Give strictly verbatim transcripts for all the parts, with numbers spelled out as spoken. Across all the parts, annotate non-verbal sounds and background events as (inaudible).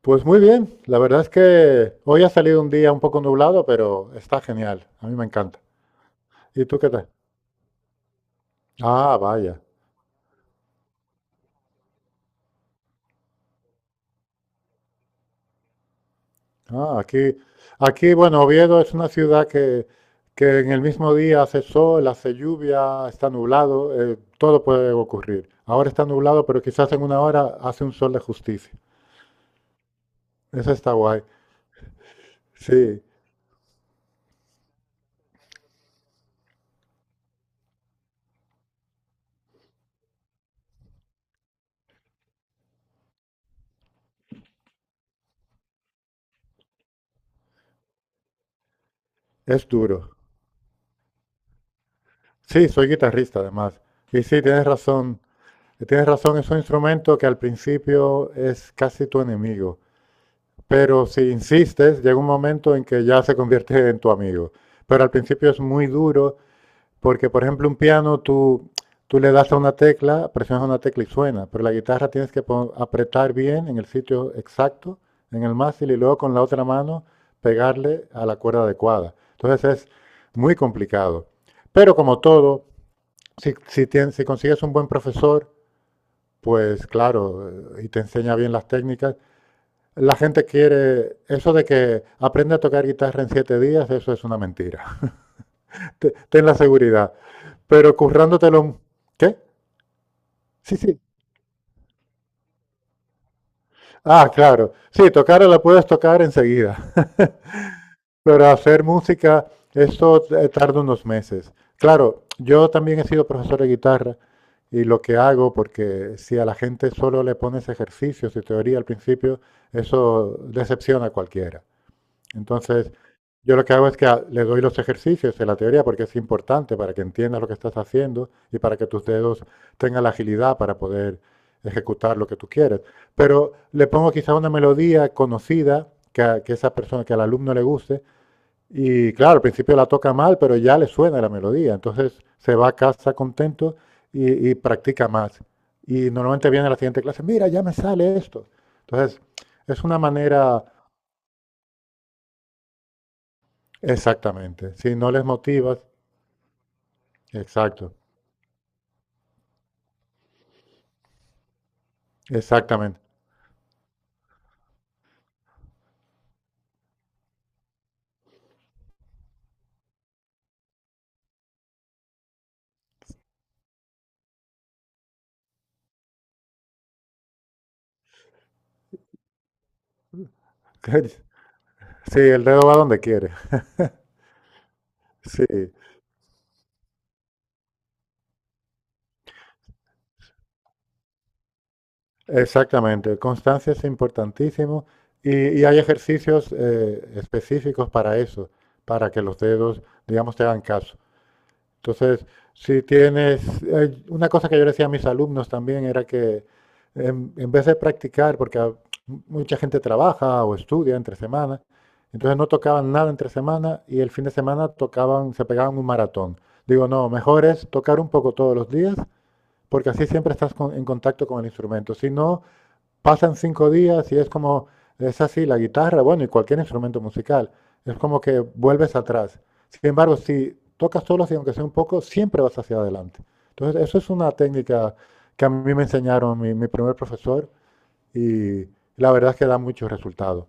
Pues muy bien, la verdad es que hoy ha salido un día un poco nublado, pero está genial, a mí me encanta. ¿Y tú qué tal? Ah, vaya. Ah, aquí, aquí, bueno, Oviedo es una ciudad que, que en el mismo día hace sol, hace lluvia, está nublado, eh, todo puede ocurrir. Ahora está nublado, pero quizás en una hora hace un sol de justicia. Eso está guay. Sí, es duro. Sí, soy guitarrista además. Y sí, tienes razón. Tienes razón, es un instrumento que al principio es casi tu enemigo. Pero si insistes, llega un momento en que ya se convierte en tu amigo. Pero al principio es muy duro porque, por ejemplo, un piano tú, tú le das a una tecla, presionas una tecla y suena, pero la guitarra tienes que pon- apretar bien en el sitio exacto, en el mástil, y luego con la otra mano pegarle a la cuerda adecuada. Entonces es muy complicado. Pero como todo, si, si tien- si consigues un buen profesor, pues claro, eh, y te enseña bien las técnicas, la gente quiere, eso de que aprende a tocar guitarra en siete días, eso es una mentira. (laughs) Te- Ten la seguridad. Pero currándotelo, ¿qué? Sí, sí. Ah, claro. Sí, tocarla la puedes tocar enseguida. Pero hacer música, eso eh, tarda unos meses. Claro, yo también he sido profesor de guitarra y lo que hago, porque si a la gente solo le pones ejercicios y teoría al principio, eso decepciona a cualquiera. Entonces, yo lo que hago es que a- le doy los ejercicios de la teoría porque es importante para que entiendas lo que estás haciendo y para que tus dedos tengan la agilidad para poder ejecutar lo que tú quieres. Pero le pongo quizá una melodía conocida que a, que esa persona, que al alumno le guste. Y claro, al principio la toca mal, pero ya le suena la melodía. Entonces se va a casa contento y, y practica más. Y normalmente viene a la siguiente clase, mira, ya me sale esto. Entonces, es una manera. Exactamente. Si no les motivas, exacto, exactamente. (laughs) Sí, el dedo va donde quiere. Sí, exactamente. Constancia es importantísimo y, y hay ejercicios eh, específicos para eso, para que los dedos, digamos, te hagan caso. Entonces, si tienes, eh, una cosa que yo le decía a mis alumnos también era que en, en vez de practicar, porque a- mucha gente trabaja o estudia entre semana, entonces no tocaban nada entre semana y el fin de semana tocaban, se pegaban un maratón. Digo, no, mejor es tocar un poco todos los días, porque así siempre estás con- en contacto con el instrumento. Si no, pasan cinco días y es como, es así, la guitarra, bueno, y cualquier instrumento musical, es como que vuelves atrás. Sin embargo, si tocas solo y aunque sea un poco, siempre vas hacia adelante. Entonces, eso es una técnica que a mí me enseñaron mi, mi primer profesor y la verdad es que da muchos resultados.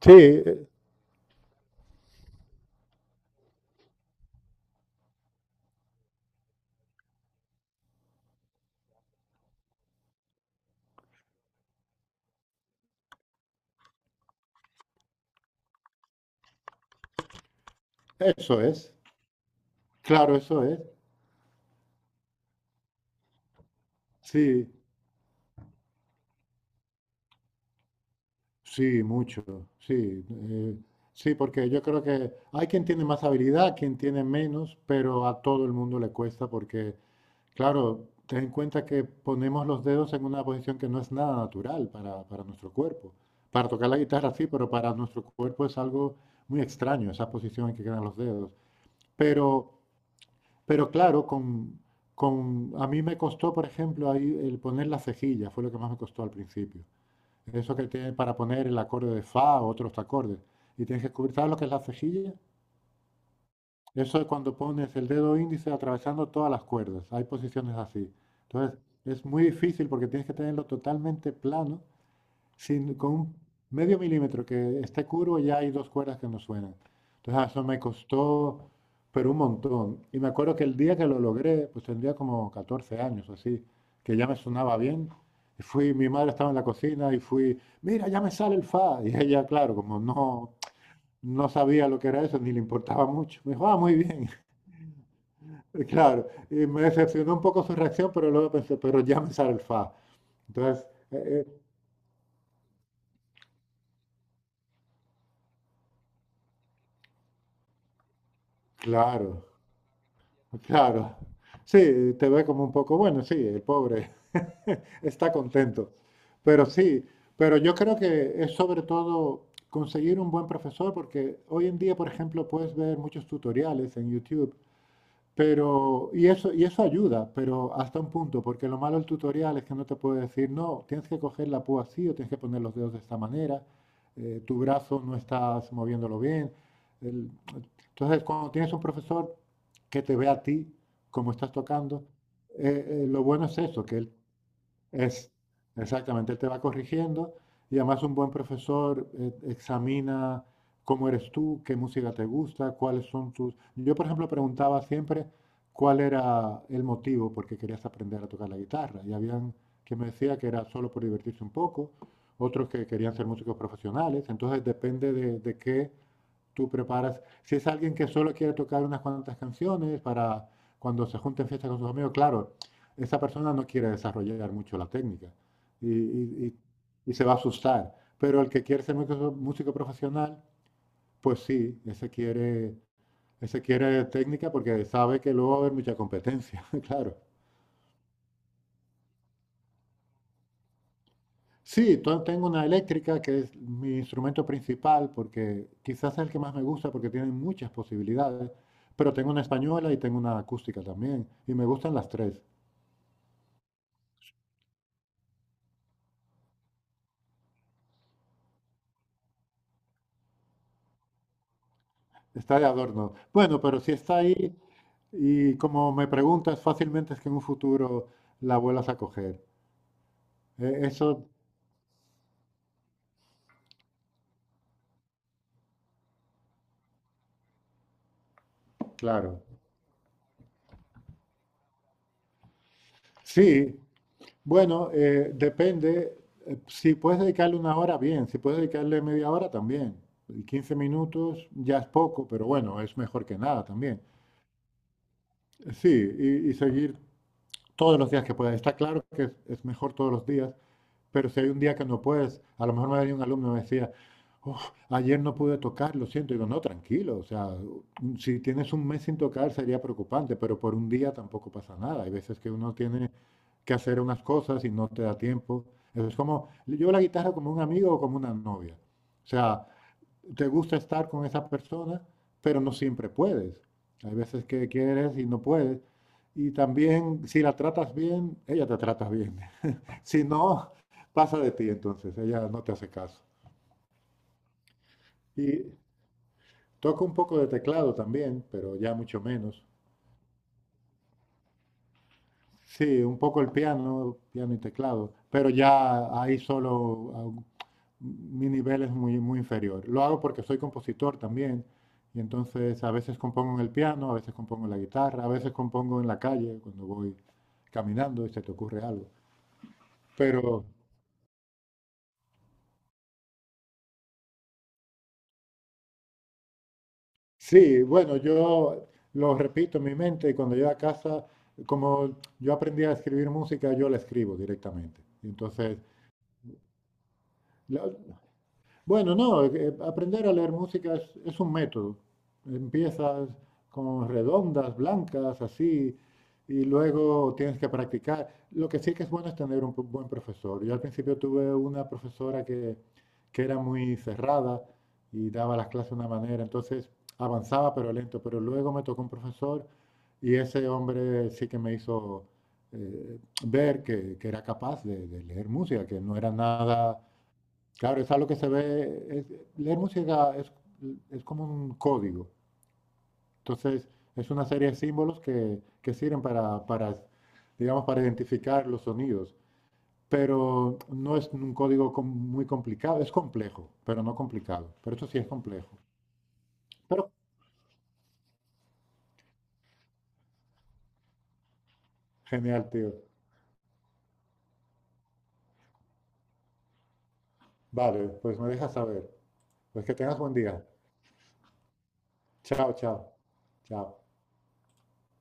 Sí, eh, eso es, claro, eso es. Sí, sí, mucho, sí. eh, sí, porque yo creo que hay quien tiene más habilidad, quien tiene menos, pero a todo el mundo le cuesta porque claro, ten en cuenta que ponemos los dedos en una posición que no es nada natural para, para, nuestro cuerpo. Para tocar la guitarra sí, pero para nuestro cuerpo es algo muy extraño esa posición en que quedan los dedos. Pero, pero claro, con, con, a mí me costó, por ejemplo, ahí el poner la cejilla, fue lo que más me costó al principio. Eso que tiene para poner el acorde de fa o otros acordes. Y tienes que descubrir, ¿sabes lo que es la cejilla? Eso es cuando pones el dedo índice atravesando todas las cuerdas. Hay posiciones así. Entonces, es muy difícil porque tienes que tenerlo totalmente plano, sin, con un medio milímetro que esté curvo ya hay dos cuerdas que no suenan. Entonces, ah, eso me costó, pero un montón. Y me acuerdo que el día que lo logré, pues tendría como catorce años o así, que ya me sonaba bien. Y fui, mi madre estaba en la cocina y fui, mira, ya me sale el fa. Y ella, claro, como no, no sabía lo que era eso, ni le importaba mucho. Me dijo, ah, muy bien. (laughs) Claro, y me decepcionó un poco su reacción, pero luego pensé, pero ya me sale el fa. Entonces, eh, eh, claro, claro. Sí, te ve como un poco, bueno, sí, el pobre (laughs) está contento. Pero sí, pero yo creo que es sobre todo conseguir un buen profesor, porque hoy en día, por ejemplo, puedes ver muchos tutoriales en YouTube. Pero, y eso, y eso ayuda, pero hasta un punto, porque lo malo del tutorial es que no te puede decir, no, tienes que coger la púa así o tienes que poner los dedos de esta manera, eh, tu brazo no estás moviéndolo bien. el- entonces, cuando tienes un profesor que te ve a ti como estás tocando, eh, eh, lo bueno es eso, que él es, exactamente, él te va corrigiendo y además un buen profesor eh, examina cómo eres tú, qué música te gusta, cuáles son tus... Yo, por ejemplo, preguntaba siempre cuál era el motivo por qué querías aprender a tocar la guitarra y habían quien me decía que era solo por divertirse un poco, otros que querían ser músicos profesionales, entonces depende de, de qué. Tú preparas, si es alguien que solo quiere tocar unas cuantas canciones para cuando se junten fiestas con sus amigos, claro, esa persona no quiere desarrollar mucho la técnica y, y- y- y se va a asustar. Pero el que quiere ser músico, músico profesional, pues sí, ese quiere, ese quiere, técnica porque sabe que luego va a haber mucha competencia, (laughs) claro. Sí, to- tengo una eléctrica que es mi instrumento principal porque quizás es el que más me gusta porque tiene muchas posibilidades, pero tengo una española y tengo una acústica también y me gustan las tres. Está de adorno. Bueno, pero si está ahí y como me preguntas, fácilmente es que en un futuro la vuelvas a coger. Eh, Eso, claro. Sí, bueno, eh, depende. eh, Si puedes dedicarle una hora, bien. Si puedes dedicarle media hora, también. Y quince minutos ya es poco, pero bueno, es mejor que nada también. Sí, y, y seguir todos los días que puedas. Está claro que es, es mejor todos los días, pero si hay un día que no puedes, a lo mejor me venía un alumno y me decía, "Uf, ayer no pude tocar, lo siento". Digo, no, tranquilo, o sea, un- si tienes un mes sin tocar sería preocupante, pero por un día tampoco pasa nada. Hay veces que uno tiene que hacer unas cosas y no te da tiempo. Es como, yo la guitarra como un amigo o como una novia. O sea, te gusta estar con esa persona, pero no siempre puedes. Hay veces que quieres y no puedes. Y también, si la tratas bien, ella te trata bien. Si no, pasa de ti entonces, ella no te hace caso. Y toco un poco de teclado también, pero ya mucho menos. Sí, un poco el piano, piano y teclado, pero ya ahí solo ah, mi nivel es muy, muy inferior. Lo hago porque soy compositor también, y entonces a veces compongo en el piano, a veces compongo en la guitarra, a veces compongo en la calle cuando voy caminando y se te ocurre algo. Pero sí, bueno, yo lo repito en mi mente y cuando llego a casa, como yo aprendí a escribir música, yo la escribo directamente. Y entonces, bueno, no, eh, eh, aprender a leer música es, es, un método. Empiezas con redondas, blancas, así, y luego tienes que practicar. Lo que sí que es bueno es tener un pu- buen profesor. Yo al principio tuve una profesora que, que era muy cerrada y daba las clases de una manera, entonces avanzaba pero lento, pero luego me tocó un profesor y ese hombre sí que me hizo eh, ver que, que, era capaz de, de leer música, que no era nada. Claro, es algo que se ve. Es- leer música es, es, como un código. Entonces, es una serie de símbolos que, que, sirven para, para, digamos, para identificar los sonidos. Pero no es un código com- muy complicado. Es complejo, pero no complicado. Pero eso sí es complejo. Pero genial, tío. Vale, pues me dejas saber. Pues que tengas buen día. Chao, chao. Chao.